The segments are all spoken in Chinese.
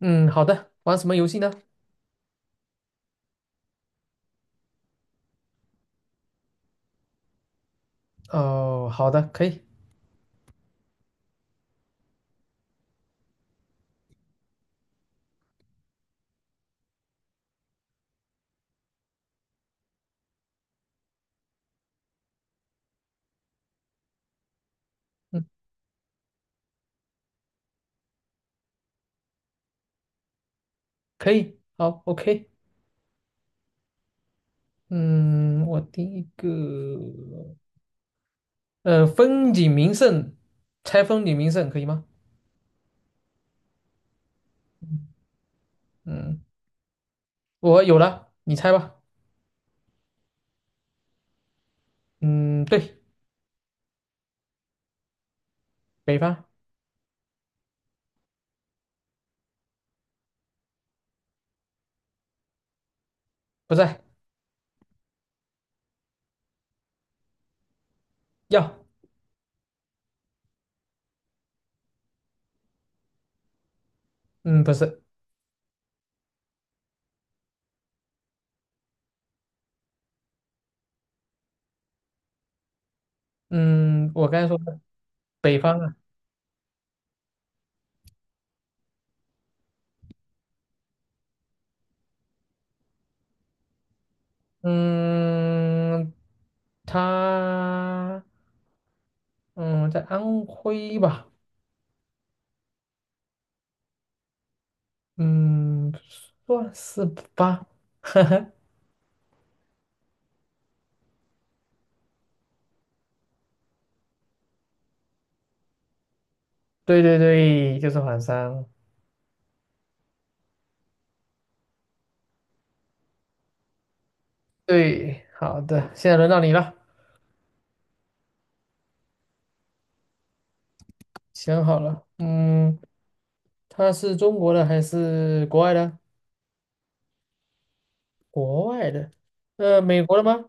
嗯，好的，玩什么游戏呢？哦，好的，可以，嗯，可以，好，OK，嗯，我第一个，风景名胜，猜风景名胜可以吗？嗯，我有了，你猜吧。嗯，对，北方。不在。要。嗯，不是。嗯，我刚才说的北方啊。嗯，他，嗯，在安徽吧。嗯，算是吧。哈。对对对，就是缓三。对，好的，现在轮到你了。想好了，嗯，它是中国的还是国外的？国外的，美国的吗？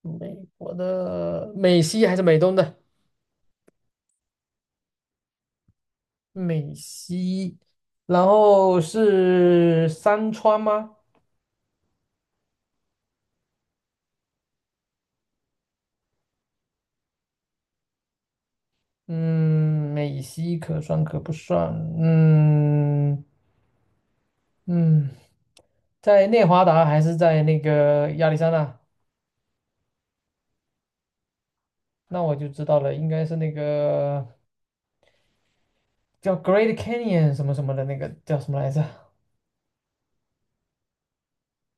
美国的，美西还是美东的？美西，然后是山川吗？嗯，美西可算可不算？嗯，嗯，在内华达还是在那个亚利桑那？那我就知道了，应该是那个叫 Great Canyon 什么什么的那个叫什么来着？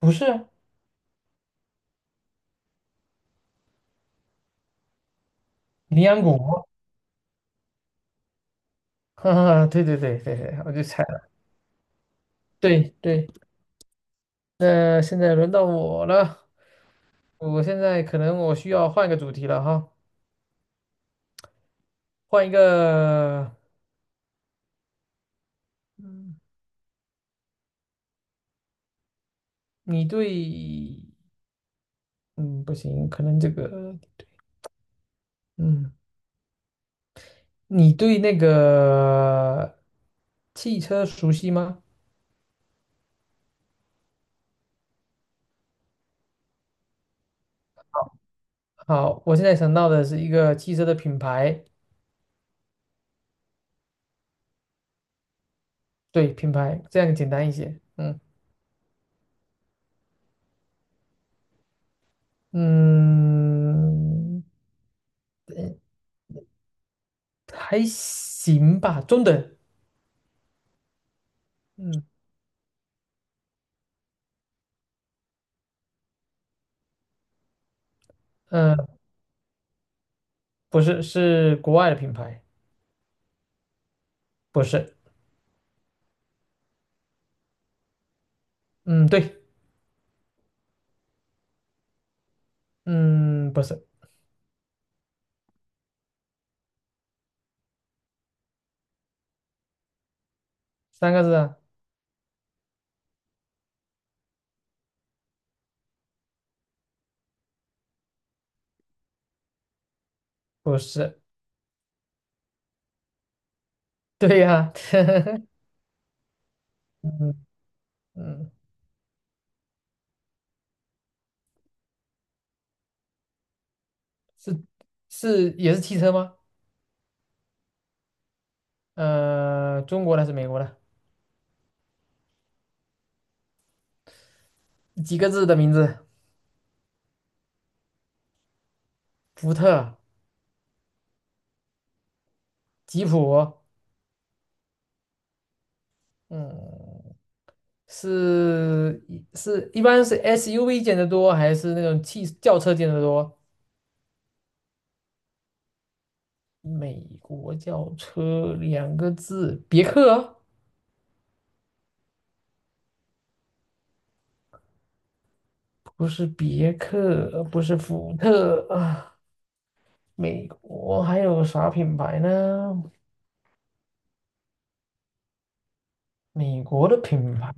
不是，羚羊谷。哈哈，对对对对对，我就猜了。对对。那现在轮到我了，我现在可能我需要换个主题了哈，换一个，嗯，你对，嗯，不行，可能这个，嗯，你对那个汽车熟悉吗？好，我现在想到的是一个汽车的品牌。对，品牌，这样简单一些，嗯。嗯，还行吧，中等。嗯，呃，不是，是国外的品牌。不是。嗯，对。嗯，不是。三个字啊。不是。对呀、嗯，嗯，是是也是汽车吗？中国的还是美国的？几个字的名字？福特、吉普。嗯，是是一般是 SUV 见得多，还是那种汽轿车见得多？美国轿车两个字，别克啊。不是别克，不是福特啊。美国还有啥品牌呢？美国的品牌。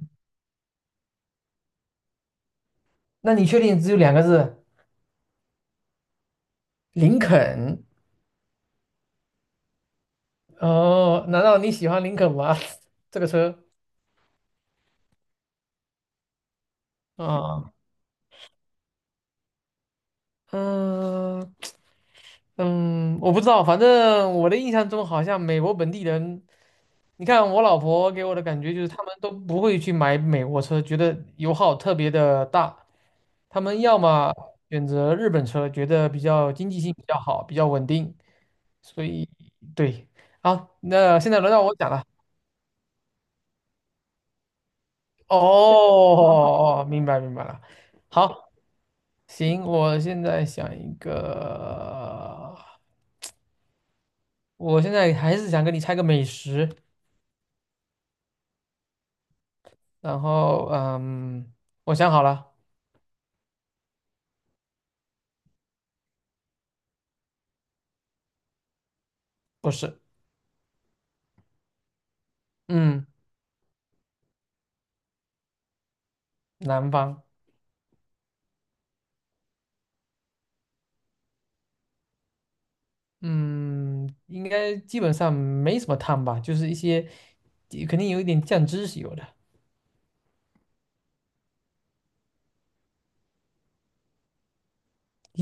那你确定只有两个字？林肯。哦，难道你喜欢林肯吗？这个车啊。嗯，嗯，我不知道，反正我的印象中好像美国本地人，你看我老婆给我的感觉就是，他们都不会去买美国车，觉得油耗特别的大。他们要么选择日本车，觉得比较经济性比较好，比较稳定。所以，对，好，那现在轮到我讲了。哦，哦哦哦，明白明白了。好，行，我现在想一个，我现在还是想跟你猜个美食。然后，嗯，我想好了。不是。嗯，南方。嗯，应该基本上没什么汤吧，就是一些肯定有一点酱汁是有的。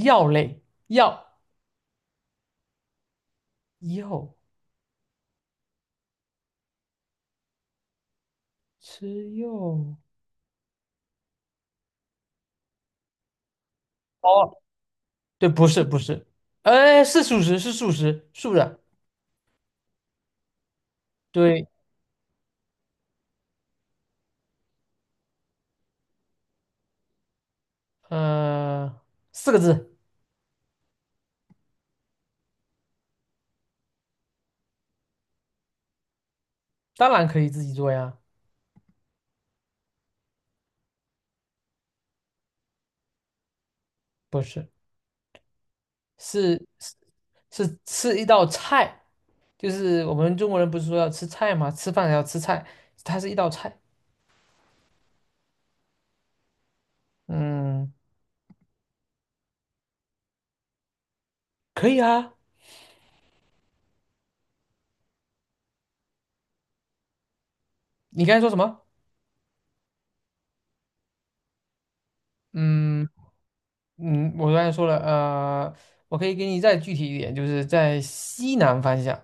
药类。药。药。吃药。哦，对，不是不是。哎，是素食，是素食，素的。对。呃，四个字。当然可以自己做呀。不是，是是是吃一道菜，就是我们中国人不是说要吃菜吗？吃饭要吃菜，它是一道菜。嗯，可以啊。你刚才说什么？嗯，我刚才说了，我可以给你再具体一点，就是在西南方向。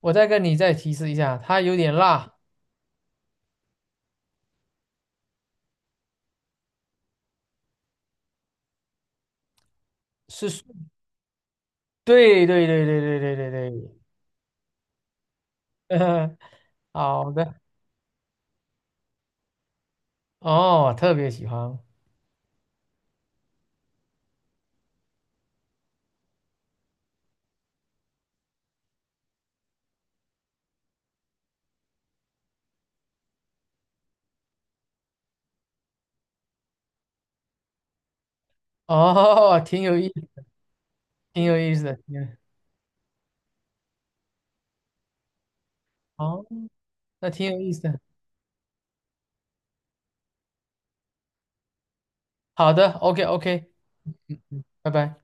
我再跟你再提示一下，它有点辣。是。对对对对对对对对对。好的。哦，特别喜欢。哦，挺有意，挺有意思的，挺有。哦，那挺有意思的。好的，OK OK，嗯嗯，拜拜。